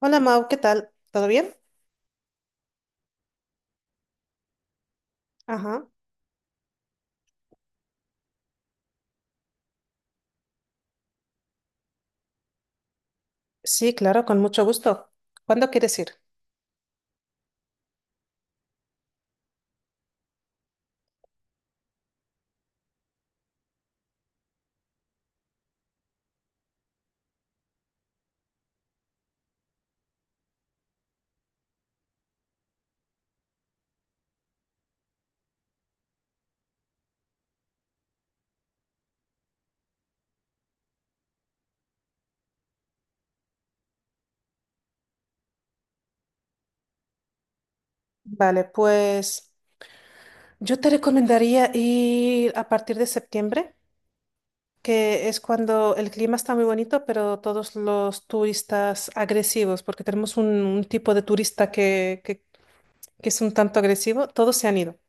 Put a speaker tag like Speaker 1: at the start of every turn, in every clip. Speaker 1: Hola Mau, ¿qué tal? ¿Todo bien? Ajá. Sí, claro, con mucho gusto. ¿Cuándo quieres ir? Vale, pues yo te recomendaría ir a partir de septiembre, que es cuando el clima está muy bonito, pero todos los turistas agresivos, porque tenemos un tipo de turista que es un tanto agresivo, todos se han ido.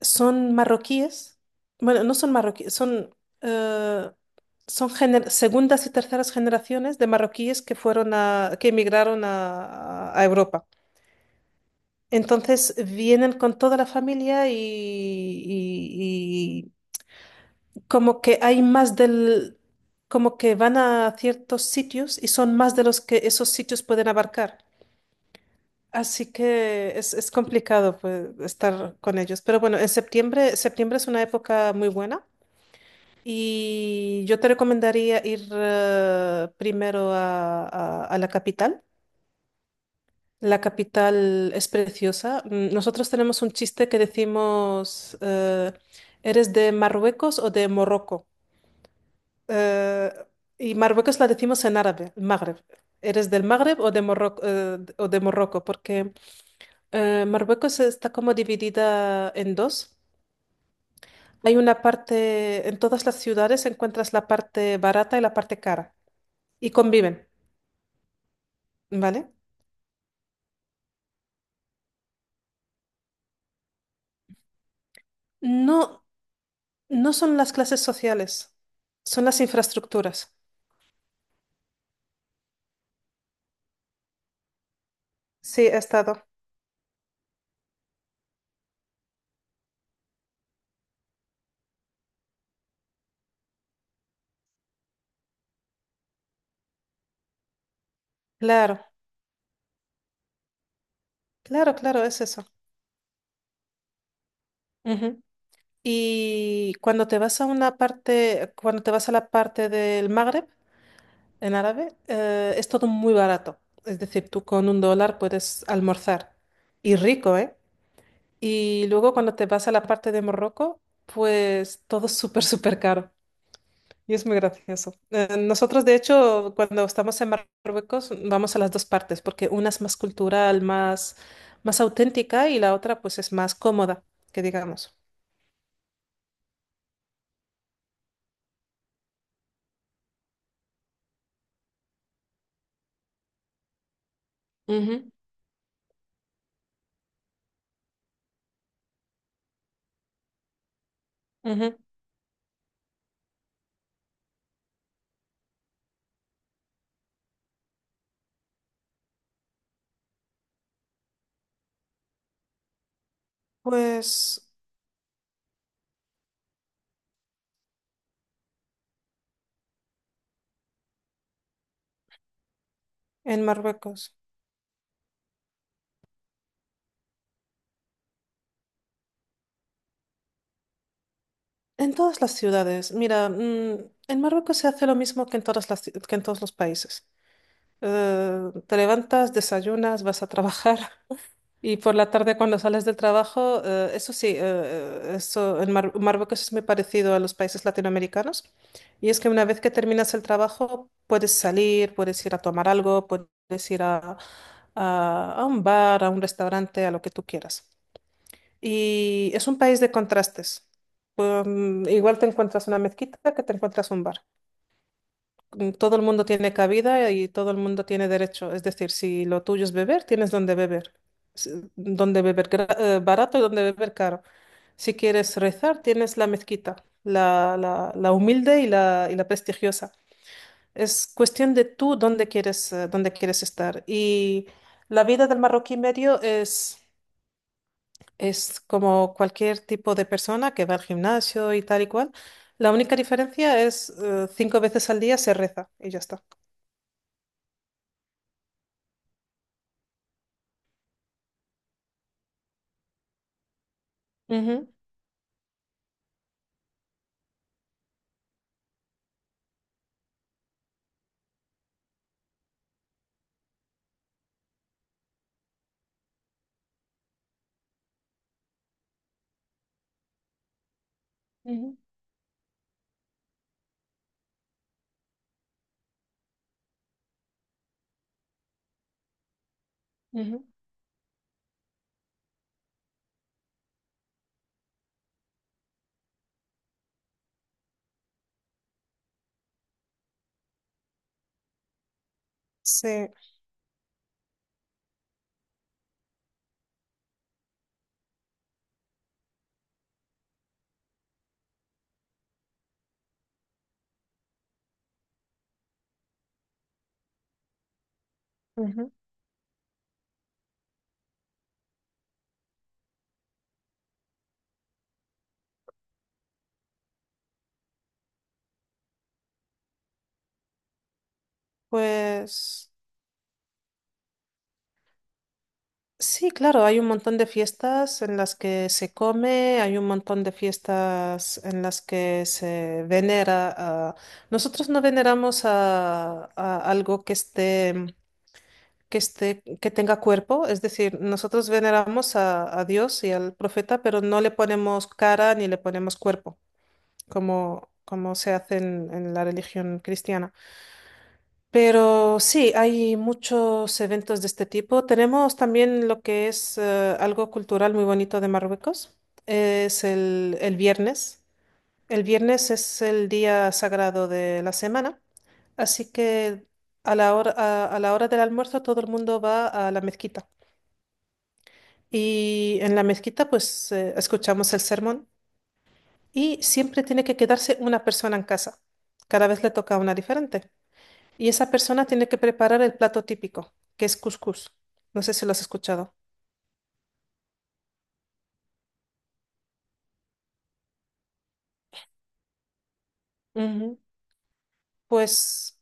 Speaker 1: Son marroquíes, bueno, no son marroquíes, son, eh, son segundas y terceras generaciones de marroquíes que que emigraron a Europa. Entonces vienen con toda la familia y como que hay como que van a ciertos sitios y son más de los que esos sitios pueden abarcar. Así que es complicado pues, estar con ellos. Pero bueno, en septiembre, septiembre es una época muy buena. Y yo te recomendaría ir primero a la capital. La capital es preciosa. Mm, nosotros tenemos un chiste que decimos, ¿eres de Marruecos o de Morroco? Eh, y Marruecos la decimos en árabe, el Magreb. ¿Eres del Magreb o de Morroco, o de Morroco? Porque Marruecos está como dividida en dos. Hay una parte, en todas las ciudades encuentras la parte barata y la parte cara y conviven. ¿Vale? No, no son las clases sociales, son las infraestructuras. Sí, he estado. Claro, claro, claro, es eso. Ujú. Y cuando te vas a una parte, cuando te vas a la parte del Magreb, en árabe, es todo muy barato. Es decir, tú con un dólar puedes almorzar. Y rico, ¿eh? Y luego cuando te vas a la parte de Morroco, pues todo es súper, súper caro. Y es muy gracioso. Nosotros, de hecho, cuando estamos en Marruecos, vamos a las dos partes, porque una es más cultural, más auténtica, y la otra, pues, es más cómoda, que digamos. Ujú, ujú. Pues en Marruecos, en todas las ciudades, mira, mm, en Marruecos se hace lo mismo que en todas que en todos los países. Te levantas, desayunas, vas a trabajar. Y por la tarde cuando sales del trabajo, eso sí, eso en Marruecos es muy parecido a los países latinoamericanos. Y es que una vez que terminas el trabajo, puedes salir, puedes ir a tomar algo, puedes ir a un bar, a un restaurante, a lo que tú quieras. Y es un país de contrastes. Pues, mm, igual te encuentras una mezquita que te encuentras un bar. Mm, todo el mundo tiene cabida y todo el mundo tiene derecho. Es decir, si lo tuyo es beber, tienes donde beber. Donde beber barato y donde beber caro. Si quieres rezar, tienes la mezquita, la humilde y y la prestigiosa. Es cuestión de tú dónde quieres estar. Y la vida del marroquí medio es como cualquier tipo de persona que va al gimnasio y tal y cual. La única diferencia es 5 veces al día se reza y ya está. Ujú, ujú, sí, ujú. Pues sí, claro, hay un montón de fiestas en las que se come, hay un montón de fiestas en las que se venera a... Nosotros no veneramos a algo que esté, que tenga cuerpo, es decir, nosotros veneramos a Dios y al profeta, pero no le ponemos cara ni le ponemos cuerpo, como se hace en la religión cristiana. Pero sí, hay muchos eventos de este tipo. Tenemos también lo que es algo cultural muy bonito de Marruecos. Es el viernes. El viernes es el día sagrado de la semana. Así que a la a la hora del almuerzo todo el mundo va a la mezquita. Y en la mezquita pues escuchamos el sermón y siempre tiene que quedarse una persona en casa. Cada vez le toca una diferente. Y esa persona tiene que preparar el plato típico, que es cuscús. No sé si lo has escuchado. Ujú. Pues,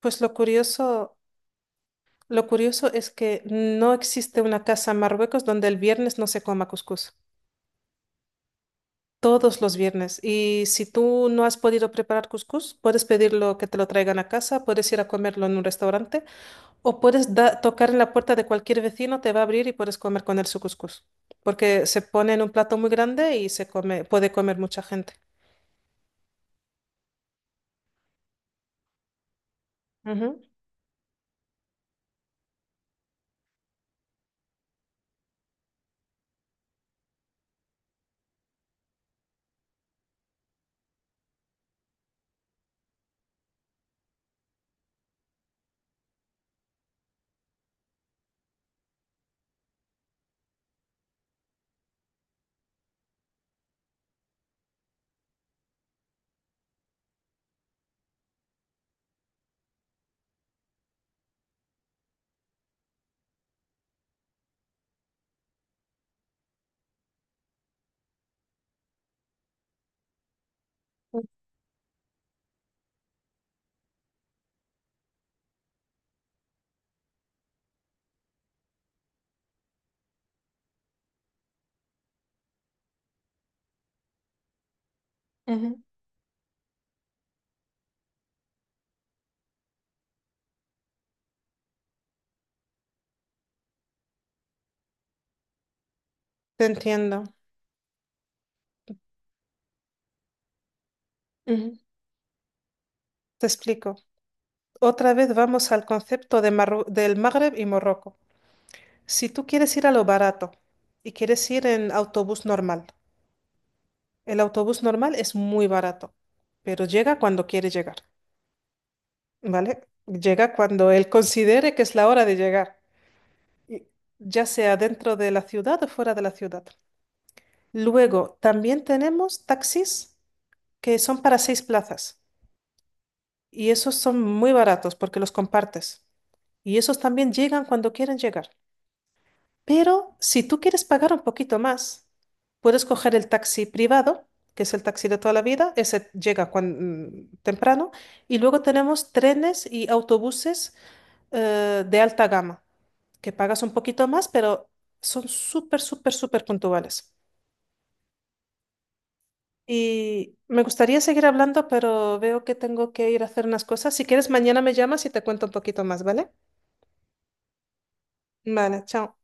Speaker 1: pues lo curioso es que no existe una casa en Marruecos donde el viernes no se coma cuscús. Todos los viernes. Y si tú no has podido preparar cuscús, puedes pedirlo que te lo traigan a casa, puedes ir a comerlo en un restaurante o puedes tocar en la puerta de cualquier vecino, te va a abrir y puedes comer con él su cuscús. Porque se pone en un plato muy grande y se come, puede comer mucha gente. Ujú. Ujú, te entiendo. Ujú. Te explico. Otra vez vamos al concepto de del Magreb y Morroco. Si tú quieres ir a lo barato y quieres ir en autobús normal, el autobús normal es muy barato, pero llega cuando quiere llegar, ¿vale? Llega cuando él considere que es la hora de llegar, y- ya sea dentro de la ciudad o fuera de la ciudad. Luego, también tenemos taxis que son para 6 plazas. Y esos son muy baratos porque los compartes. Y esos también llegan cuando quieren llegar. Pero si tú quieres pagar un poquito más, puedes coger el taxi privado, que es el taxi de toda la vida, ese llega temprano, y luego tenemos trenes y autobuses de alta gama, que pagas un poquito más, pero son súper, súper, súper puntuales. Y me gustaría seguir hablando, pero veo que tengo que ir a hacer unas cosas. Si quieres, mañana me llamas y te cuento un poquito más, ¿vale? Vale, chao.